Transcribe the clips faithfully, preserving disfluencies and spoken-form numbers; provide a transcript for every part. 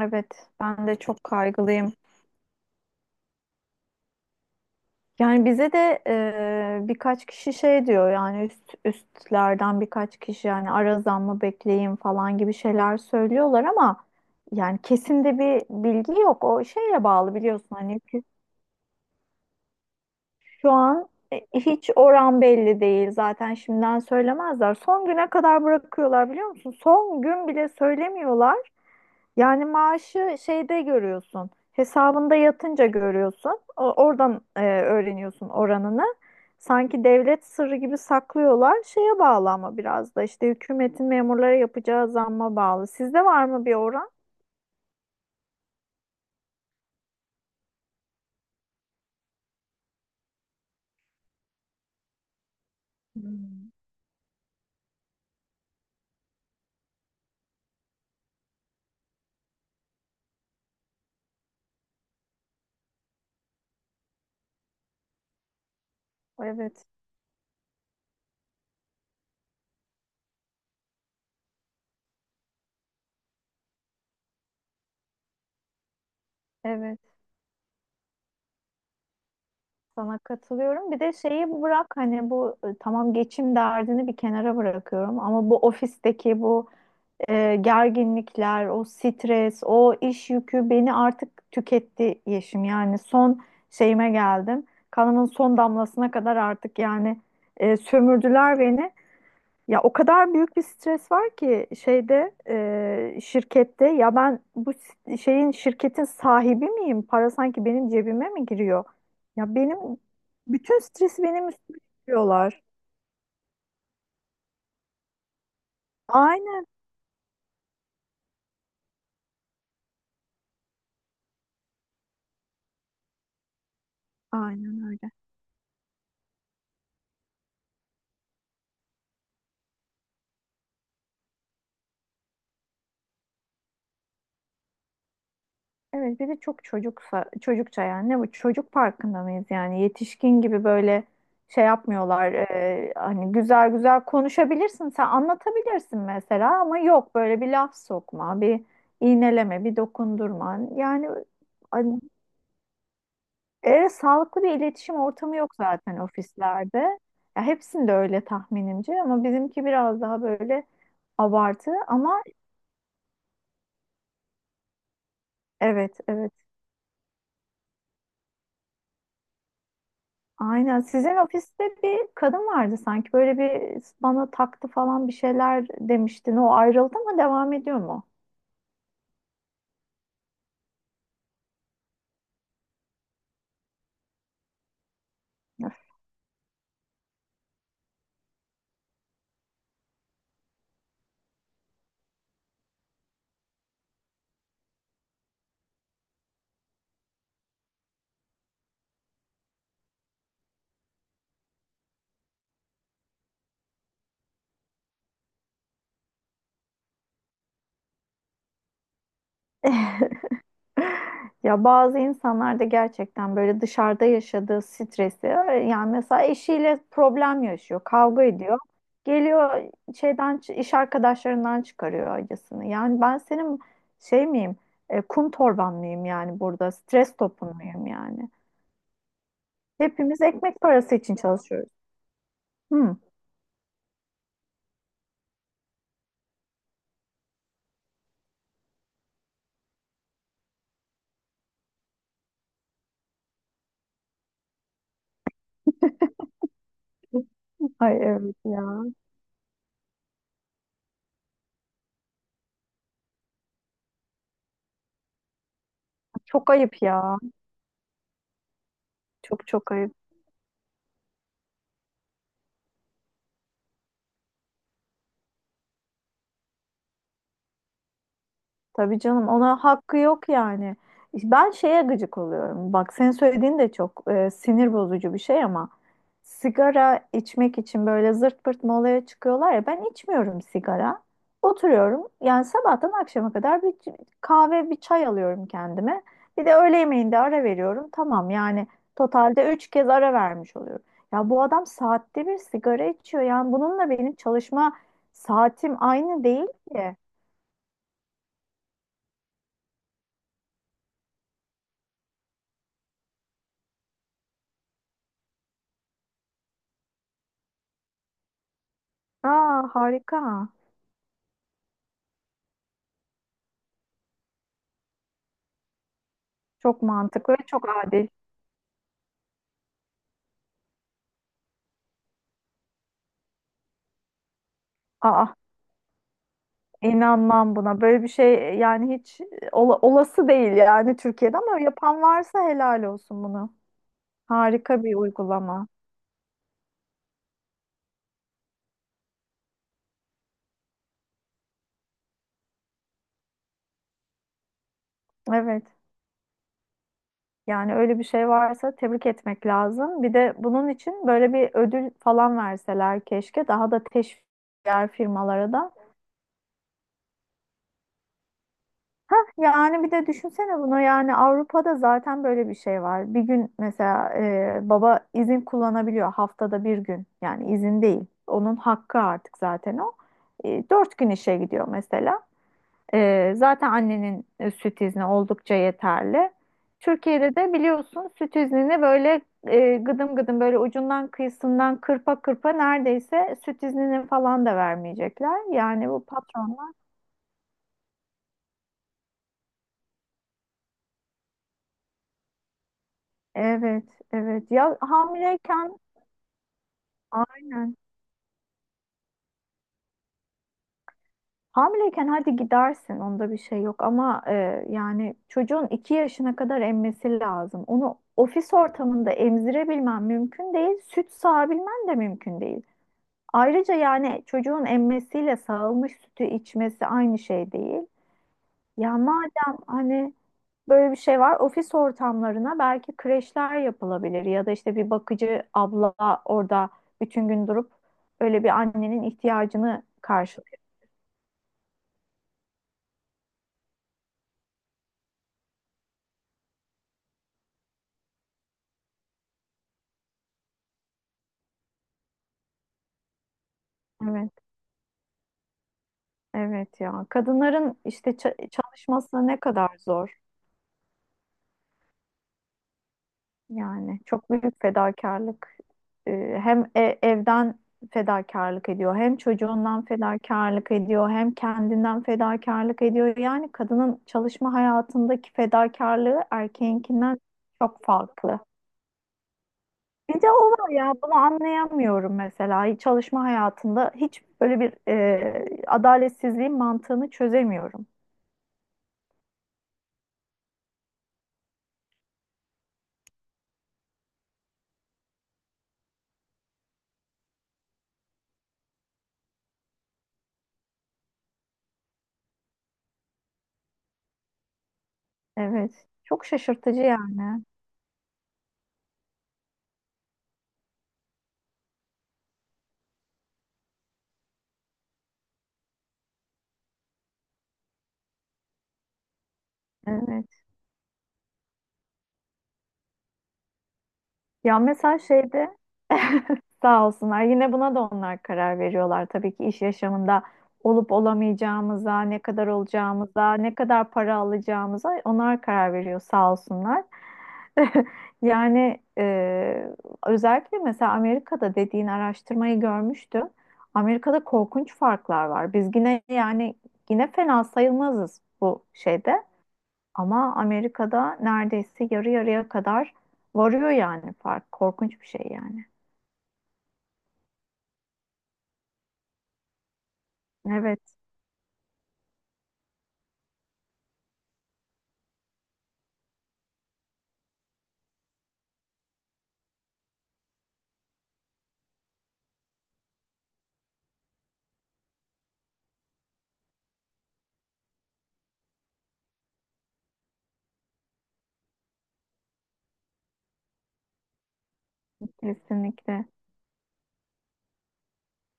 Evet, ben de çok kaygılıyım. Yani bize de e, birkaç kişi şey diyor yani üst üstlerden birkaç kişi yani ara zam mı bekleyin falan gibi şeyler söylüyorlar ama yani kesin de bir bilgi yok. O şeyle bağlı biliyorsun hani ki şu an e, hiç oran belli değil. Zaten şimdiden söylemezler. Son güne kadar bırakıyorlar biliyor musun? Son gün bile söylemiyorlar. Yani maaşı şeyde görüyorsun. Hesabında yatınca görüyorsun. O- Oradan e, öğreniyorsun oranını. Sanki devlet sırrı gibi saklıyorlar. Şeye bağlı ama biraz da işte hükümetin memurlara yapacağı zamma bağlı. Sizde var mı bir oran? Hmm. Evet, evet. Sana katılıyorum. Bir de şeyi bırak hani bu e, tamam geçim derdini bir kenara bırakıyorum ama bu ofisteki bu e, gerginlikler, o stres, o iş yükü beni artık tüketti Yeşim. Yani son şeyime geldim. Kanımın son damlasına kadar artık yani e, sömürdüler beni. Ya o kadar büyük bir stres var ki şeyde e, şirkette ya ben bu s- şeyin şirketin sahibi miyim? Para sanki benim cebime mi giriyor? Ya benim bütün stresi benim üstüme yüklüyorlar. Aynen, aynen öyle. Evet bir de çok çocuksa çocukça yani ne bu çocuk parkında mıyız yani yetişkin gibi böyle şey yapmıyorlar e, hani güzel güzel konuşabilirsin sen anlatabilirsin mesela ama yok böyle bir laf sokma bir iğneleme bir dokundurma yani hani, e, sağlıklı bir iletişim ortamı yok zaten ofislerde ya hepsinde öyle tahminimce ama bizimki biraz daha böyle abartı ama evet evet. Aynen. Sizin ofiste bir kadın vardı sanki. Böyle bir bana taktı falan bir şeyler demiştin. O ayrıldı mı? Devam ediyor mu? Öf. Ya bazı insanlar da gerçekten böyle dışarıda yaşadığı stresi yani mesela eşiyle problem yaşıyor, kavga ediyor. Geliyor şeyden iş arkadaşlarından çıkarıyor acısını. Yani ben senin şey miyim? E, kum torban mıyım yani burada? Stres topun muyum yani? Hepimiz ekmek parası için çalışıyoruz. Hı. Ay evet ya. Çok ayıp ya. Çok çok ayıp. Tabii canım ona hakkı yok yani. Ben şeye gıcık oluyorum. Bak senin söylediğin de çok e, sinir bozucu bir şey ama sigara içmek için böyle zırt pırt molaya çıkıyorlar ya ben içmiyorum sigara. Oturuyorum yani sabahtan akşama kadar bir c- kahve bir çay alıyorum kendime. Bir de öğle yemeğinde ara veriyorum. Tamam yani totalde üç kez ara vermiş oluyorum. Ya bu adam saatte bir sigara içiyor. Yani bununla benim çalışma saatim aynı değil ki. Aa harika. Çok mantıklı ve çok adil. Aa, inanmam buna. Böyle bir şey e, yani hiç e, ola- olası değil yani Türkiye'de ama yapan varsa helal olsun bunu. Harika bir uygulama. Evet. Yani öyle bir şey varsa tebrik etmek lazım. Bir de bunun için böyle bir ödül falan verseler keşke. Daha da teşvik diğer firmalara da. Hah, yani bir de düşünsene bunu yani Avrupa'da zaten böyle bir şey var. Bir gün mesela e, baba izin kullanabiliyor haftada bir gün yani izin değil. Onun hakkı artık zaten o. E, dört gün işe gidiyor mesela. E, zaten annenin e, süt izni oldukça yeterli. Türkiye'de de biliyorsun süt iznini böyle e, gıdım gıdım böyle ucundan kıyısından kırpa kırpa neredeyse süt iznini falan da vermeyecekler. Yani bu patronlar evet evet, ya hamileyken. Aynen. Hamileyken hadi gidersin, onda bir şey yok ama e, yani çocuğun iki yaşına kadar emmesi lazım. Onu ofis ortamında emzirebilmen mümkün değil, süt sağabilmen de mümkün değil. Ayrıca yani çocuğun emmesiyle sağılmış sütü içmesi aynı şey değil. Ya madem hani böyle bir şey var, ofis ortamlarına belki kreşler yapılabilir ya da işte bir bakıcı abla orada bütün gün durup böyle bir annenin ihtiyacını karşılıyor. Evet. Evet ya. Kadınların işte ça- çalışması ne kadar zor. Yani çok büyük fedakarlık. Ee, hem e- evden fedakarlık ediyor, hem çocuğundan fedakarlık ediyor, hem kendinden fedakarlık ediyor. Yani kadının çalışma hayatındaki fedakarlığı erkeğinkinden çok farklı. Bir de o var ya bunu anlayamıyorum mesela. Çalışma hayatında hiç böyle bir e, adaletsizliğin mantığını çözemiyorum. Evet. Çok şaşırtıcı yani. Evet. Ya mesela şeyde sağ olsunlar yine buna da onlar karar veriyorlar. Tabii ki iş yaşamında olup olamayacağımıza, ne kadar olacağımıza, ne kadar para alacağımıza onlar karar veriyor sağ olsunlar. Yani e, özellikle mesela Amerika'da dediğin araştırmayı görmüştüm. Amerika'da korkunç farklar var. Biz yine yani yine fena sayılmazız bu şeyde. Ama Amerika'da neredeyse yarı yarıya kadar varıyor yani fark. Korkunç bir şey yani. Evet, kesinlikle.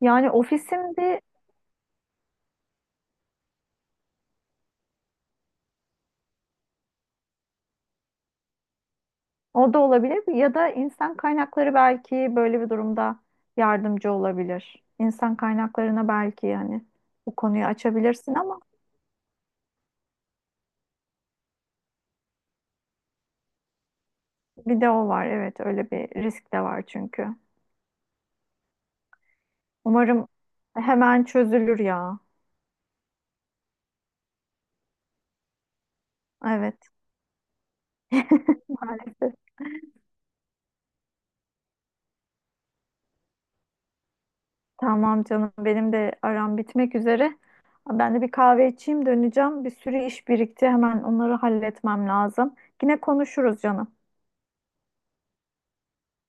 Yani ofisimdi o da olabilir ya da insan kaynakları belki böyle bir durumda yardımcı olabilir. İnsan kaynaklarına belki yani bu konuyu açabilirsin ama bir de o var. Evet, öyle bir risk de var çünkü. Umarım hemen çözülür ya. Evet, maalesef. Tamam canım benim de aram bitmek üzere. Ben de bir kahve içeyim döneceğim. Bir sürü iş birikti. Hemen onları halletmem lazım. Yine konuşuruz canım.